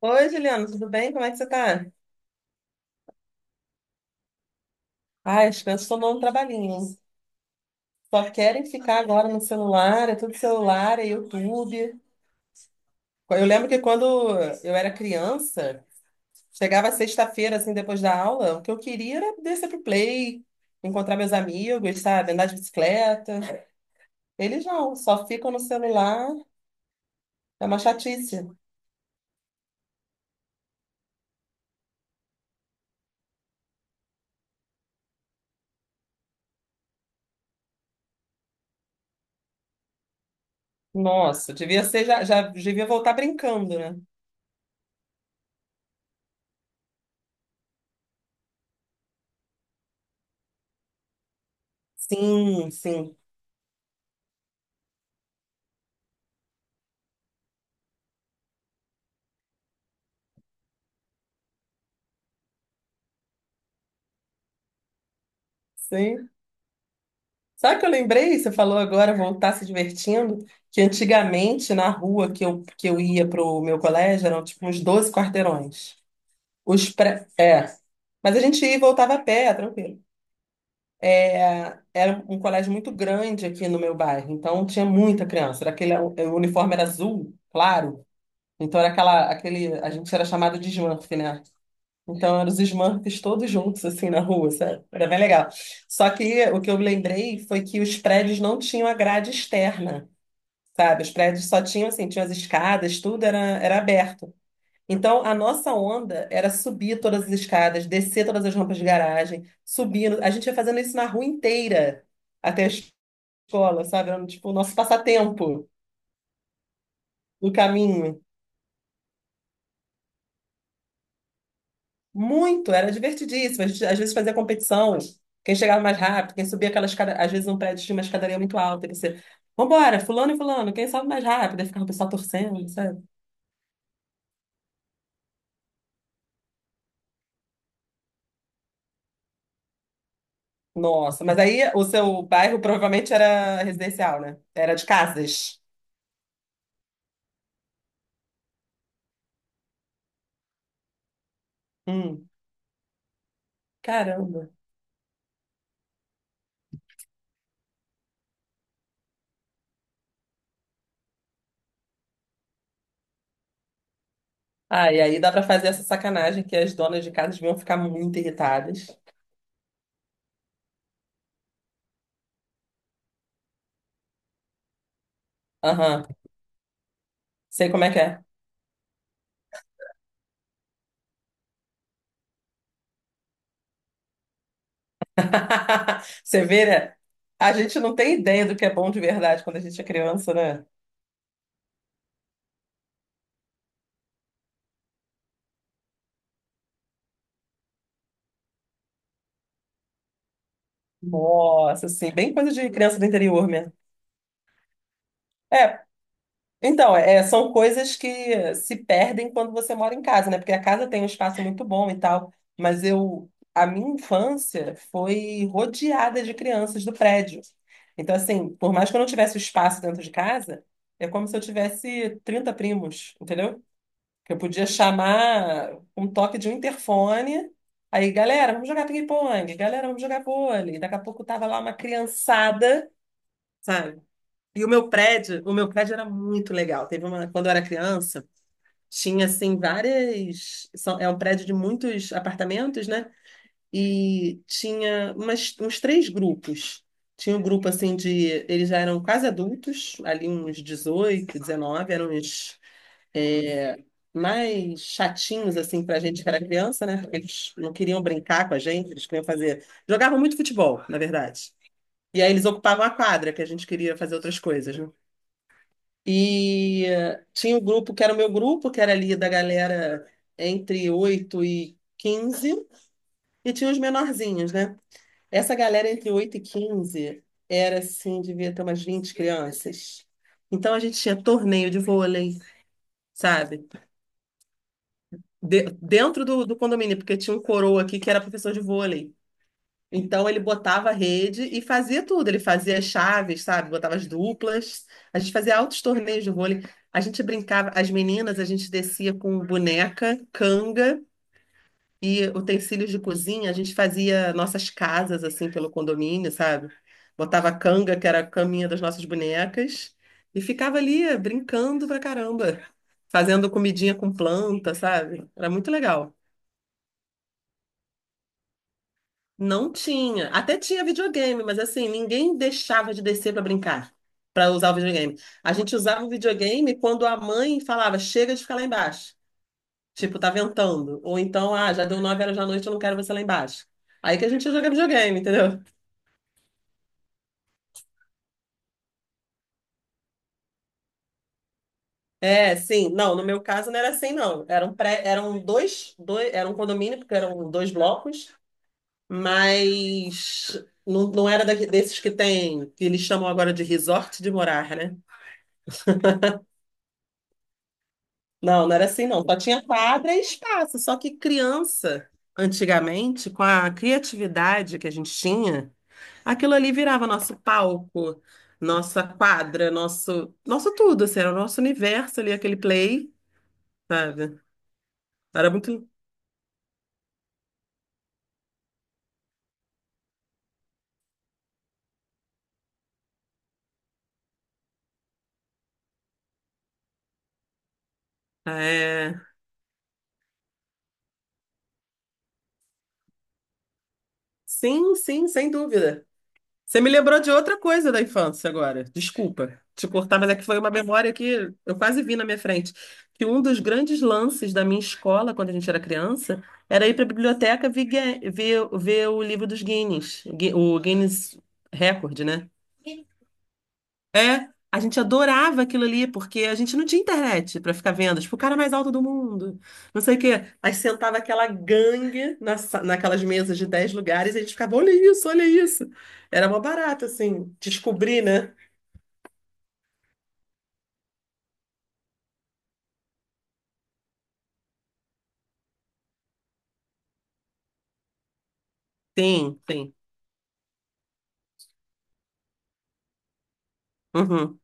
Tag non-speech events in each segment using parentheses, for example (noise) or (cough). Oi, Juliana, tudo bem? Como é que você tá? Ai, as crianças estão dando um trabalhinho, hein? Só querem ficar agora no celular, é tudo celular, é YouTube. Eu lembro que quando eu era criança, chegava sexta-feira, assim, depois da aula, o que eu queria era descer pro play, encontrar meus amigos, sabe? Andar de bicicleta. Eles não, só ficam no celular, é uma chatice. Nossa, devia ser, já devia voltar brincando, né? Sim, sim. Sim, sabe o que eu lembrei? Você falou agora voltar se divertindo, que antigamente na rua que eu ia para o meu colégio eram tipo uns 12 quarteirões. É. Mas a gente ia e voltava a pé, tranquilo. É, era um colégio muito grande aqui no meu bairro, então tinha muita criança. Era aquele, o uniforme era azul, claro. Então era a gente era chamado de Smurf, né? Então, eram os Smurfs todos juntos, assim, na rua, sabe? Era bem legal. Só que o que eu me lembrei foi que os prédios não tinham a grade externa, sabe? Os prédios só tinham, assim, tinham as escadas, tudo era aberto. Então, a nossa onda era subir todas as escadas, descer todas as rampas de garagem, subindo. A gente ia fazendo isso na rua inteira, até a escola, sabe? Era, tipo, o nosso passatempo no caminho. Muito, era divertidíssimo. A gente, às vezes fazia competição, quem chegava mais rápido, quem subia aquelas escadas, às vezes um prédio tinha uma escadaria muito alta, e você, vambora, fulano e fulano, quem sobe mais rápido? Aí ficava o pessoal torcendo, sabe? Nossa, mas aí o seu bairro provavelmente era residencial, né? Era de casas. Hum, caramba. Ah, e aí dá pra fazer essa sacanagem que as donas de casas vão ficar muito irritadas. Aham, sei como é que é. (laughs) Você vê, né? A gente não tem ideia do que é bom de verdade quando a gente é criança, né? Nossa, assim, bem coisa de criança do interior mesmo. É, então, são coisas que se perdem quando você mora em casa, né? Porque a casa tem um espaço muito bom e tal, mas a minha infância foi rodeada de crianças do prédio. Então, assim, por mais que eu não tivesse o espaço dentro de casa, é como se eu tivesse 30 primos, entendeu? Que eu podia chamar um toque de um interfone. Aí, galera, vamos jogar ping-pong, galera, vamos jogar vôlei. Daqui a pouco tava lá uma criançada, sabe? E o meu prédio era muito legal. Quando eu era criança, tinha assim várias, é um prédio de muitos apartamentos, né? E tinha uns três grupos. Tinha um grupo assim de, eles já eram quase adultos, ali uns 18, 19 eram uns é, mais chatinhos assim pra gente que era criança, né? Porque eles não queriam brincar com a gente, eles queriam fazer, jogavam muito futebol, na verdade. E aí eles ocupavam a quadra, que a gente queria fazer outras coisas, né? E tinha o grupo que era o meu grupo, que era ali da galera entre 8 e 15 e tinha os menorzinhos, né? Essa galera entre 8 e 15 era assim, devia ter umas 20 crianças. Então a gente tinha torneio de vôlei, sabe? Dentro do condomínio, porque tinha um coroa aqui que era professor de vôlei. Então ele botava a rede e fazia tudo. Ele fazia as chaves, sabe? Botava as duplas. A gente fazia altos torneios de vôlei. A gente brincava, as meninas, a gente descia com boneca, canga e utensílios de cozinha. A gente fazia nossas casas assim pelo condomínio, sabe? Botava a canga, que era a caminha das nossas bonecas, e ficava ali brincando pra caramba, fazendo comidinha com planta, sabe? Era muito legal. Não tinha. Até tinha videogame, mas assim, ninguém deixava de descer para brincar, para usar o videogame. A gente usava o videogame quando a mãe falava, chega de ficar lá embaixo. Tipo, tá ventando. Ou então, ah, já deu 9 horas da noite, eu não quero você lá embaixo. Aí que a gente ia jogar videogame, entendeu? É, sim. Não, no meu caso não era assim, não. Era um condomínio, porque eram dois blocos, mas não, não era desses que tem, que eles chamam agora de resort de morar. Não, não era assim, não. Só tinha quadra e espaço. Só que criança, antigamente, com a criatividade que a gente tinha, aquilo ali virava nosso palco, nossa quadra, nosso tudo, assim, era o nosso universo ali, aquele play, sabe? Era muito. É... Sim, sim, sem dúvida. Você me lembrou de outra coisa da infância agora. Desculpa te cortar, mas é que foi uma memória que eu quase vi na minha frente. Que um dos grandes lances da minha escola, quando a gente era criança, era ir para a biblioteca ver o livro dos Guinness, Gui- o Guinness Record, né? É, a gente adorava aquilo ali, porque a gente não tinha internet pra ficar vendo, tipo, o cara mais alto do mundo, não sei o quê. Aí sentava aquela gangue naquelas mesas de 10 lugares e a gente ficava, olha isso, olha isso. Era mó barato, assim, descobrir, né? Sim, sim. Uhum.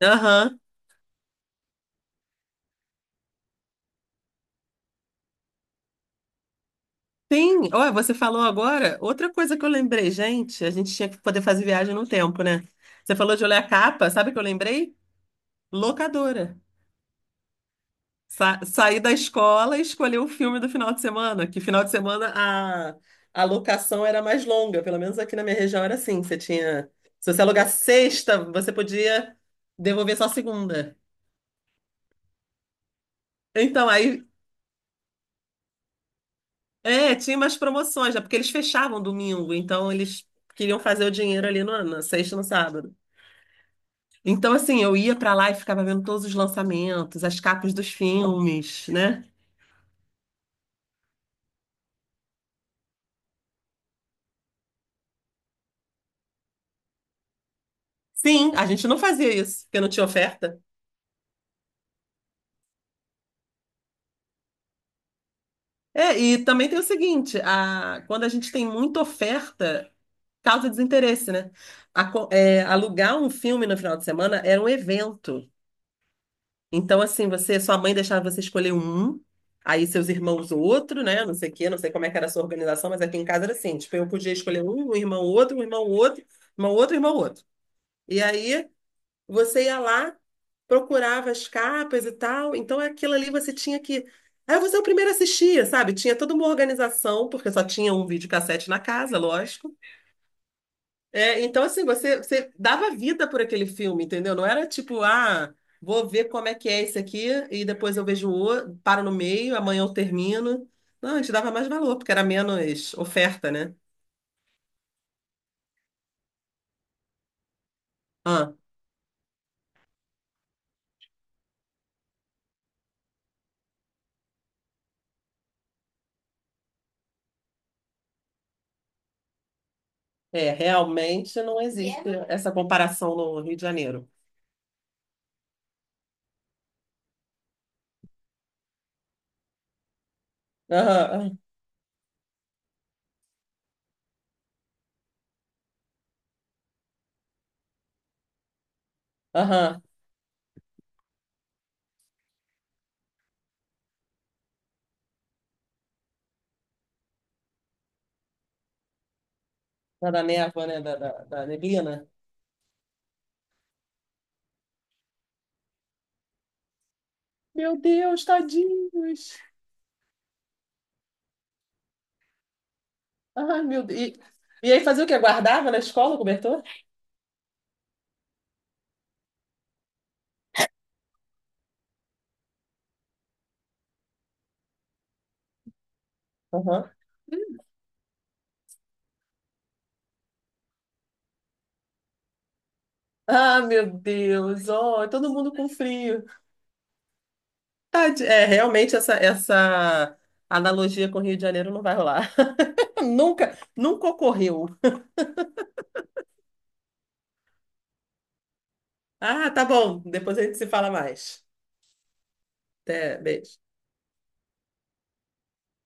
Aham. Sim, olha, você falou agora, outra coisa que eu lembrei, gente, a gente tinha que poder fazer viagem no tempo, né? Você falou de olhar a capa, sabe o que eu lembrei? Locadora. Sa saí da escola e escolhi o filme do final de semana, que final de semana a locação era mais longa, pelo menos aqui na minha região era assim. Se você alugar sexta, você podia devolver só segunda. Então, aí, tinha umas promoções, né? Porque eles fechavam domingo, então eles queriam fazer o dinheiro ali na sexta e no sábado. Então, assim, eu ia pra lá e ficava vendo todos os lançamentos, as capas dos filmes, né? Sim, a gente não fazia isso, porque não tinha oferta. É, e também tem o seguinte, quando a gente tem muita oferta, causa desinteresse, né? Alugar um filme no final de semana era um evento. Então, assim, sua mãe deixava você escolher um, aí seus irmãos outro, né? Não sei o quê, não sei como é que era a sua organização, mas aqui em casa era assim, tipo, eu podia escolher um, um irmão outro, irmão outro, irmão outro. E aí você ia lá, procurava as capas e tal, então aquilo ali você tinha que. Aí você é o primeiro a assistir, sabe? Tinha toda uma organização, porque só tinha um videocassete na casa, lógico. É, então, assim, você dava vida por aquele filme, entendeu? Não era tipo, ah, vou ver como é que é esse aqui, e depois eu vejo o outro, paro no meio, amanhã eu termino. Não, a gente dava mais valor, porque era menos oferta, né? Ah, é, realmente não existe essa comparação no Rio de Janeiro. Aham, aham. Aham. Da névoa, né? Da neblina. Meu Deus, tadinhos. Ai, meu Deus. E aí fazia o quê? Guardava na escola o cobertor? Aham. Ah, meu Deus. Oh, todo mundo com frio. É, realmente essa analogia com o Rio de Janeiro não vai rolar. (laughs) Nunca, nunca ocorreu. Ah, tá bom. Depois a gente se fala mais. Até, beijo.